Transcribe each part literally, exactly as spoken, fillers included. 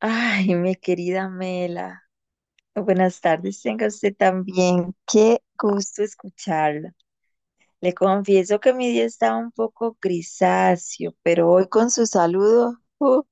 Ay, mi querida Mela, buenas tardes, tenga usted también. Qué gusto escucharla. Le confieso que mi día estaba un poco grisáceo, pero hoy con su saludo, uh,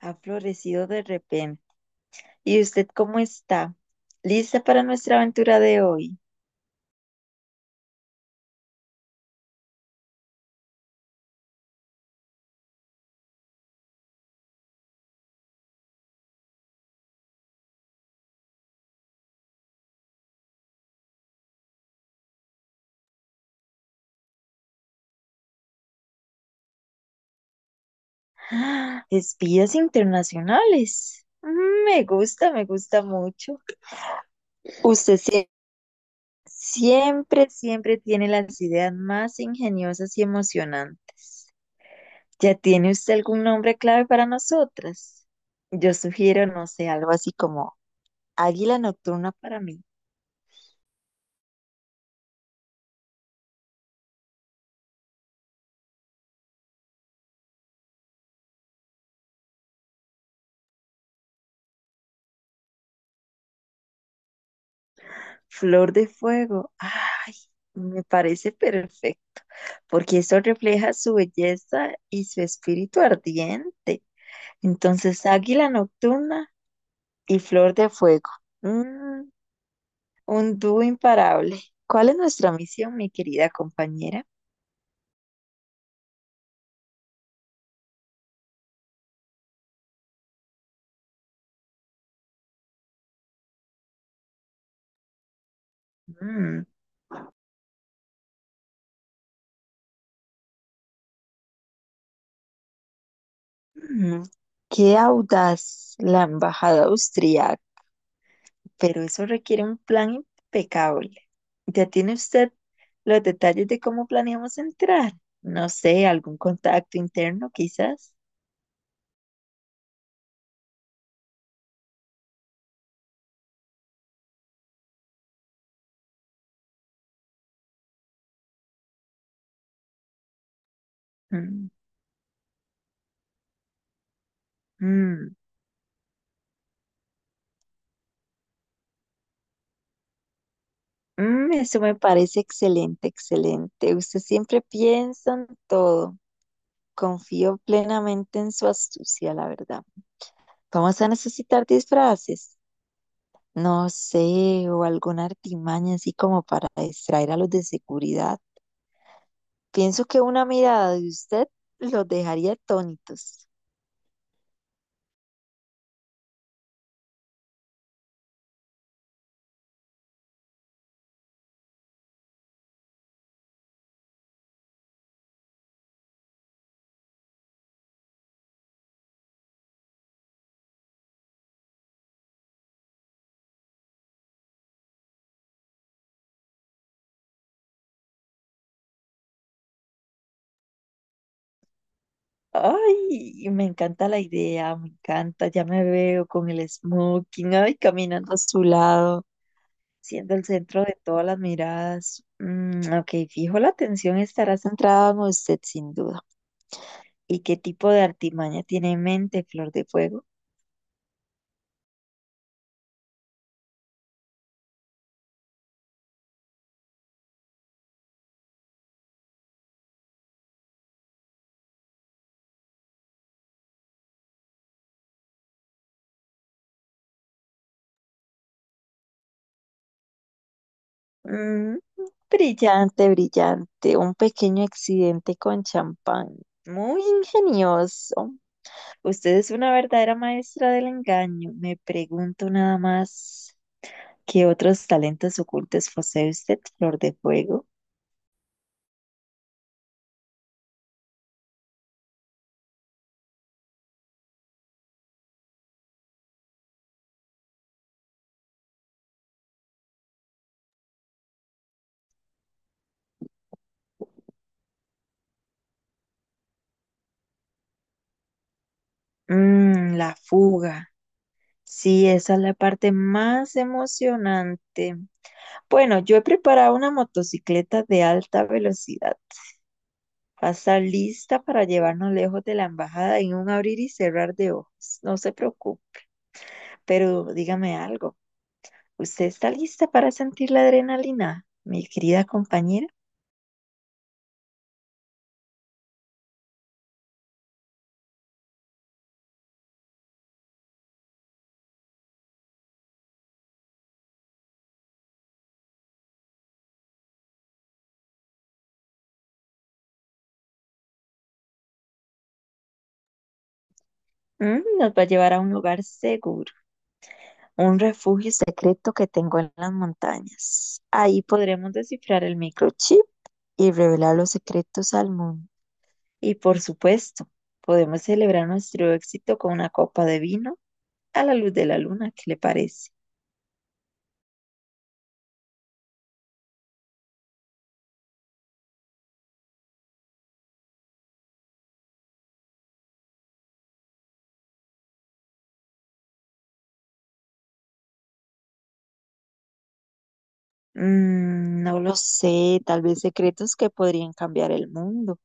ha florecido de repente. ¿Y usted cómo está? ¿Lista para nuestra aventura de hoy? ¡Ah! Espías internacionales. Mm, me gusta, me gusta mucho. Usted sie- siempre, siempre tiene las ideas más ingeniosas y emocionantes. ¿Ya tiene usted algún nombre clave para nosotras? Yo sugiero, no sé, algo así como Águila Nocturna para mí, Flor de Fuego. Ay, me parece perfecto, porque eso refleja su belleza y su espíritu ardiente. Entonces, Águila Nocturna y Flor de Fuego. Mm, un dúo imparable. ¿Cuál es nuestra misión, mi querida compañera? Mm, mm, qué audaz la embajada austriaca. Pero eso requiere un plan impecable. ¿Ya tiene usted los detalles de cómo planeamos entrar? No sé, algún contacto interno quizás. Mm, mm, mm, eso me parece excelente, excelente. Usted siempre piensa en todo. Confío plenamente en su astucia, la verdad. Vamos a necesitar disfraces. No sé, o alguna artimaña así como para distraer a los de seguridad. Pienso que una mirada de usted los dejaría atónitos. Ay, me encanta la idea, me encanta. Ya me veo con el smoking, ay, caminando a su lado, siendo el centro de todas las miradas. Mm, ok, fijo, la atención estará centrada en usted sin duda. ¿Y qué tipo de artimaña tiene en mente, Flor de Fuego? Mm, brillante, brillante. Un pequeño accidente con champán. Muy ingenioso. Usted es una verdadera maestra del engaño. Me pregunto nada más, ¿qué otros talentos ocultos posee usted, Flor de Fuego? Mm, la fuga. Sí, esa es la parte más emocionante. Bueno, yo he preparado una motocicleta de alta velocidad. Pasa lista para llevarnos lejos de la embajada en un abrir y cerrar de ojos. No se preocupe, pero dígame algo. ¿Usted está lista para sentir la adrenalina, mi querida compañera? Mm, nos va a llevar a un lugar seguro, un refugio secreto que tengo en las montañas. Ahí podremos descifrar el microchip y revelar los secretos al mundo. Y por supuesto, podemos celebrar nuestro éxito con una copa de vino a la luz de la luna. ¿Qué le parece? Mm, no lo sé, tal vez secretos que podrían cambiar el mundo.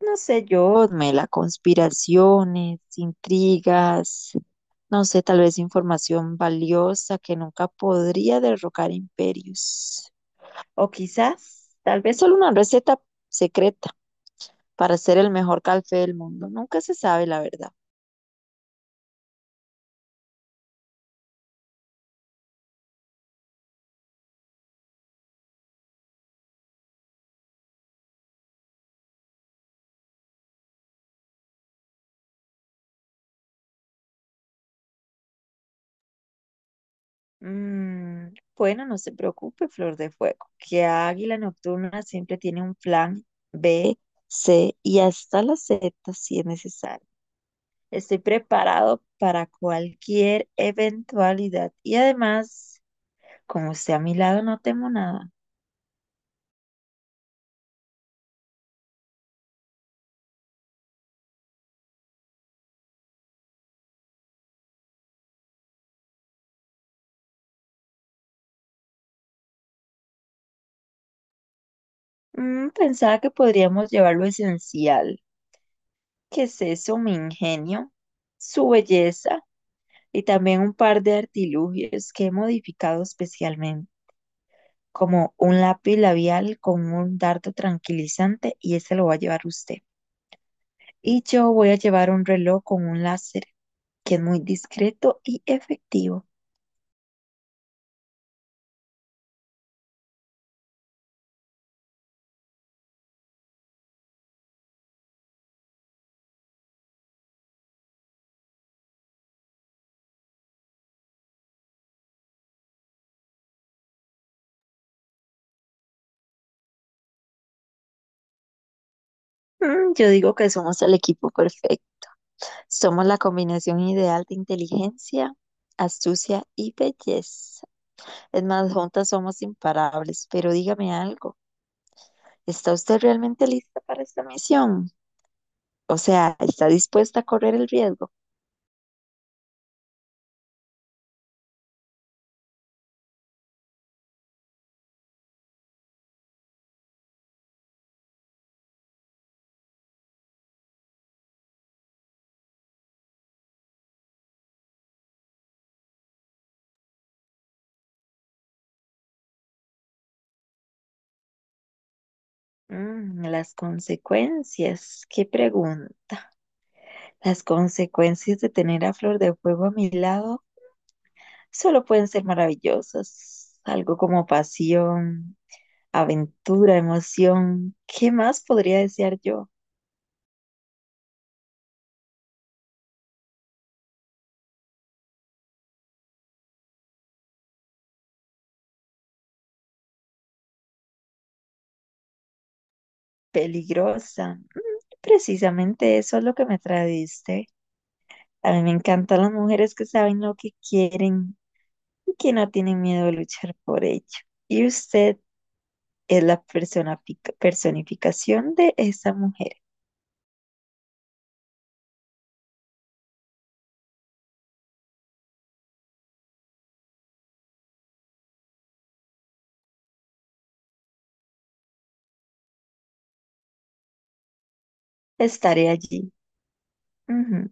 No sé yo, Mela, conspiraciones, intrigas, no sé, tal vez información valiosa que nunca podría derrocar imperios. O quizás, tal vez solo una receta secreta para hacer el mejor café del mundo. Nunca se sabe la verdad. Mm, bueno, no se preocupe, Flor de Fuego, que Águila Nocturna siempre tiene un plan B, C y hasta la Z si es necesario. Estoy preparado para cualquier eventualidad y además, como esté a mi lado, no temo nada. Mm, pensaba que podríamos llevar lo esencial, que es eso, mi ingenio, su belleza y también un par de artilugios que he modificado especialmente. Como un lápiz labial con un dardo tranquilizante y ese lo va a llevar usted. Y yo voy a llevar un reloj con un láser que es muy discreto y efectivo. Mm, yo digo que somos el equipo perfecto. Somos la combinación ideal de inteligencia, astucia y belleza. Es más, juntas somos imparables. Pero dígame algo, ¿está usted realmente lista para esta misión? O sea, ¿está dispuesta a correr el riesgo? Mm, las consecuencias, qué pregunta. Las consecuencias de tener a Flor de Fuego a mi lado solo pueden ser maravillosas. Algo como pasión, aventura, emoción. ¿Qué más podría desear yo? Peligrosa. Precisamente eso es lo que me tradiste. A mí me encantan las mujeres que saben lo que quieren y que no tienen miedo de luchar por ello. Y usted es la persona- personificación de esa mujer. Estaré allí. Ujú.